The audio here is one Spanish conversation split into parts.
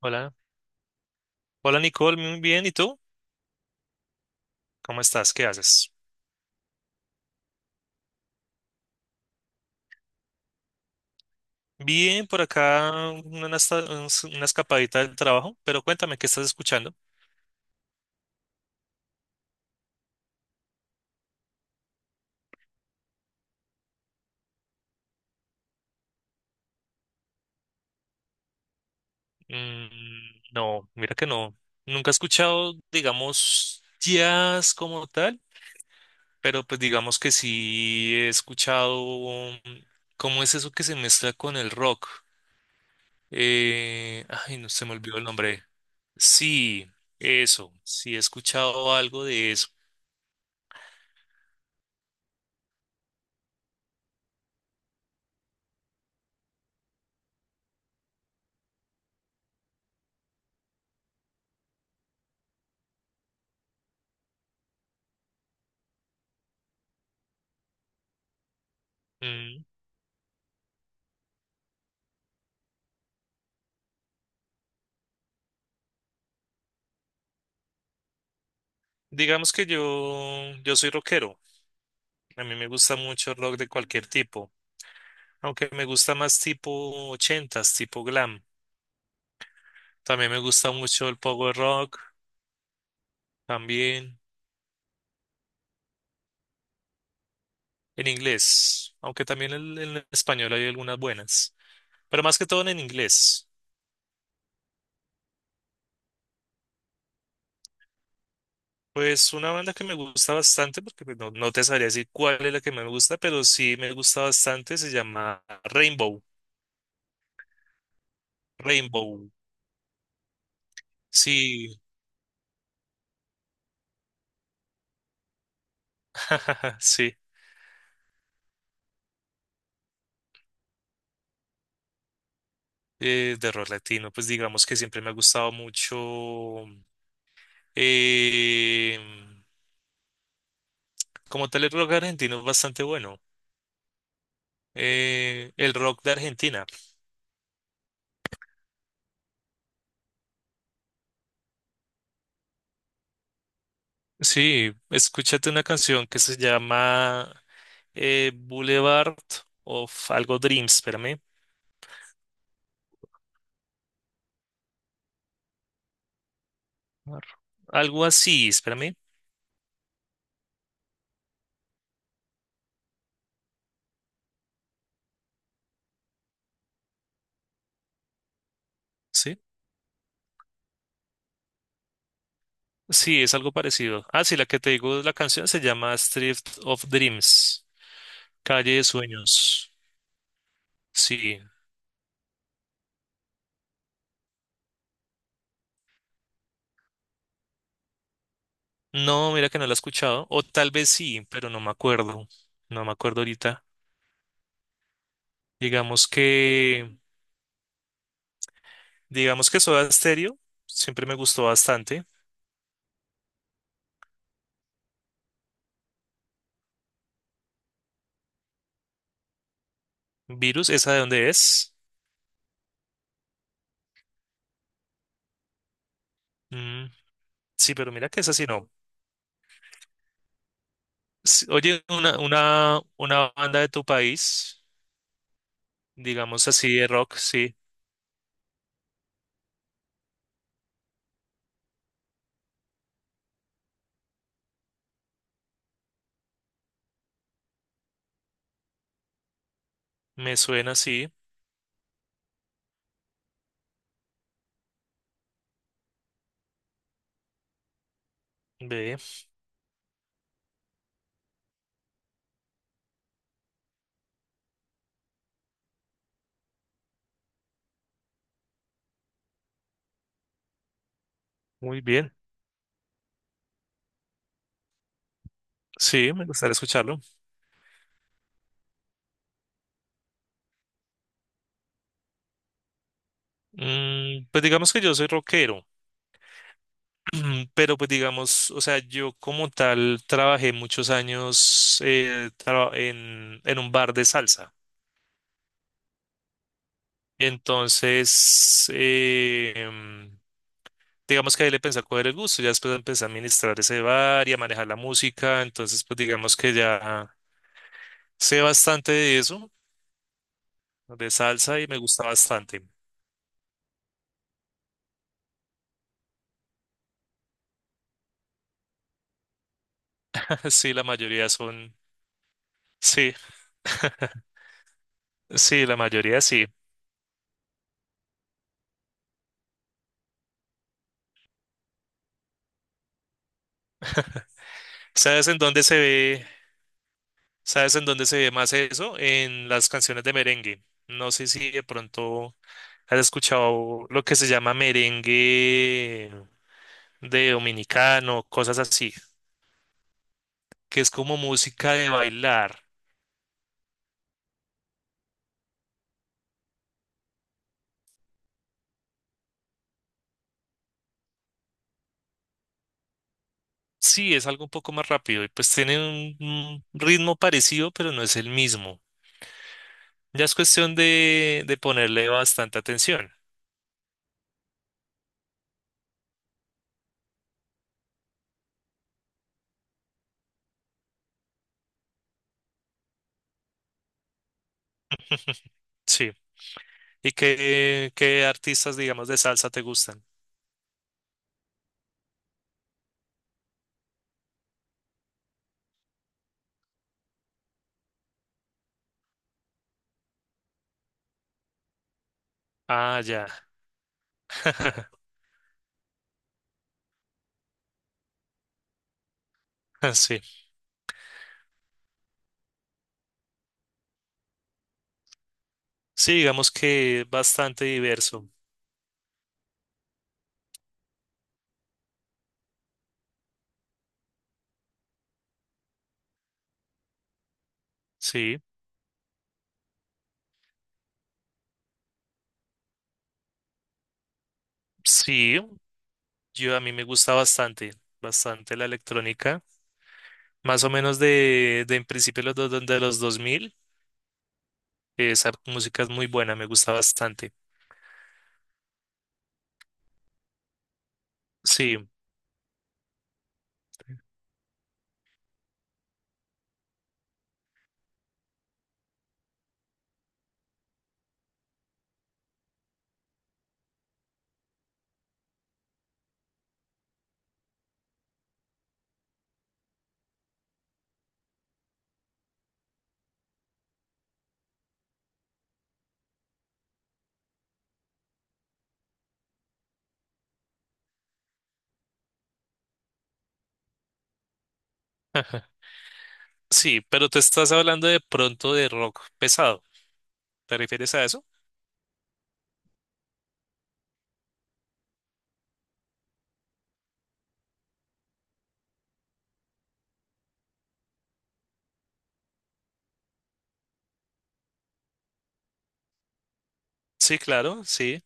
Hola, hola Nicole, muy bien, ¿y tú? ¿Cómo estás? ¿Qué haces? Bien, por acá una, una escapadita del trabajo, pero cuéntame, ¿qué estás escuchando? Mm, no, mira que no, nunca he escuchado, digamos, jazz como tal, pero pues digamos que sí he escuchado, ¿cómo es eso que se mezcla con el rock? Ay, no se me olvidó el nombre. Sí, eso, sí he escuchado algo de eso. Mm. Digamos que yo soy rockero. A mí me gusta mucho el rock de cualquier tipo. Aunque me gusta más tipo ochentas, tipo glam. También me gusta mucho el power rock, también en inglés. Aunque también en español hay algunas buenas. Pero más que todo en inglés. Pues una banda que me gusta bastante, porque pues, no, no te sabría decir cuál es la que más me gusta, pero sí me gusta bastante, se llama Rainbow. Rainbow. Sí, sí. De rock latino, pues digamos que siempre me ha gustado mucho. eh, Como tal, el rock argentino es bastante bueno. El rock de Argentina. Sí, escúchate una canción que se llama Boulevard of algo Dreams, espérame. Algo así, espérame. Sí, sí, es algo parecido. Ah, sí, la que te digo, la canción se llama Street of Dreams, Calle de Sueños. Sí. No, mira que no la he escuchado. O tal vez sí, pero no me acuerdo. No me acuerdo ahorita. Digamos que, digamos que Soda Stereo siempre me gustó bastante. Virus, ¿esa de dónde es? Mm, sí, pero mira que esa sí no. Sí. Oye, una banda de tu país, digamos así de rock, sí, me suena así. Ve, muy bien. Sí, me gustaría escucharlo. Mm, pues digamos que yo soy rockero. Mm. Pero pues digamos, o sea, yo como tal trabajé muchos años en un bar de salsa. Entonces, digamos que ahí le pensé a coger el gusto, ya después empecé a administrar ese bar y a manejar la música, entonces pues digamos que ya sé bastante de eso, de salsa y me gusta bastante. Sí, la mayoría son, sí, sí, la mayoría sí. ¿Sabes en dónde se ve? ¿Sabes en dónde se ve más eso? En las canciones de merengue. No sé si de pronto has escuchado lo que se llama merengue de dominicano, cosas así, que es como música de bailar. Sí, es algo un poco más rápido y pues tiene un ritmo parecido, pero no es el mismo. Ya es cuestión de ponerle bastante atención. Sí. ¿Y qué, qué artistas, digamos, de salsa te gustan? Ah, ya. Sí. Sí, digamos que bastante diverso. Sí, sí, yo a mí me gusta bastante, bastante la electrónica, más o menos de en principio los dos de los 2000, esa música es muy buena, me gusta bastante. Sí, sí, pero te estás hablando de pronto de rock pesado, ¿te refieres a eso? Sí, claro, sí,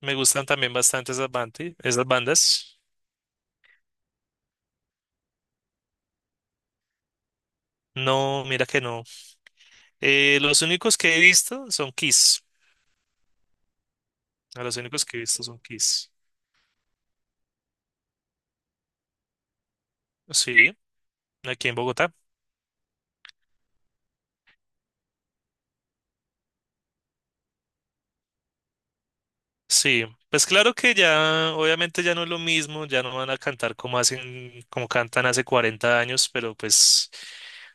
me gustan también bastante esas bandas, esas bandas. No, mira que no. Los únicos que he visto son Kiss, a los únicos que he visto son Kiss. Sí. Aquí en Bogotá. Sí, pues claro que ya, obviamente ya no es lo mismo, ya no van a cantar como hacen, como cantan hace 40 años, pero pues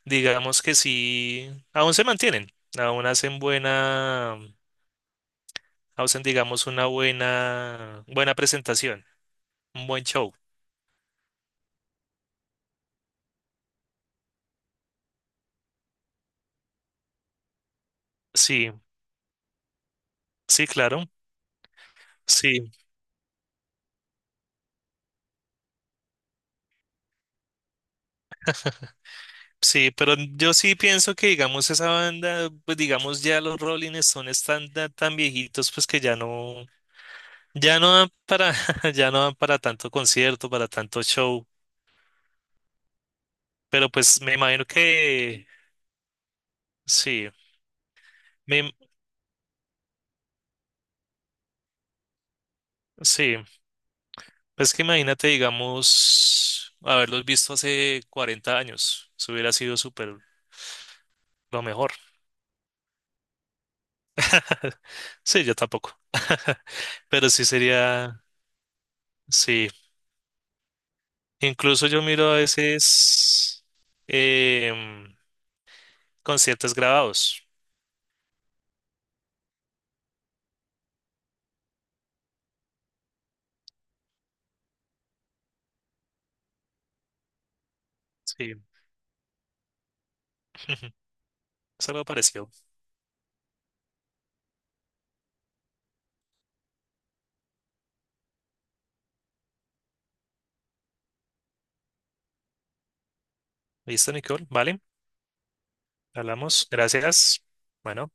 digamos que sí, aún se mantienen, aún hacen buena, hacen digamos una buena, buena presentación, un buen show. Sí, sí, claro. Sí, sí, pero yo sí pienso que digamos esa banda, pues digamos ya los Rolling Stones están tan, tan viejitos, pues que ya no. Ya no dan para, ya no dan para tanto concierto, para tanto show, pero pues me imagino que sí, me, sí, pues que imagínate, digamos, haberlos visto hace 40 años, eso hubiera sido súper lo mejor. Sí, yo tampoco, pero sí sería, sí, incluso yo miro a veces em, conciertos grabados, sí, es algo parecido. ¿Listo, Nicole? ¿Vale? Hablamos. Gracias. Bueno.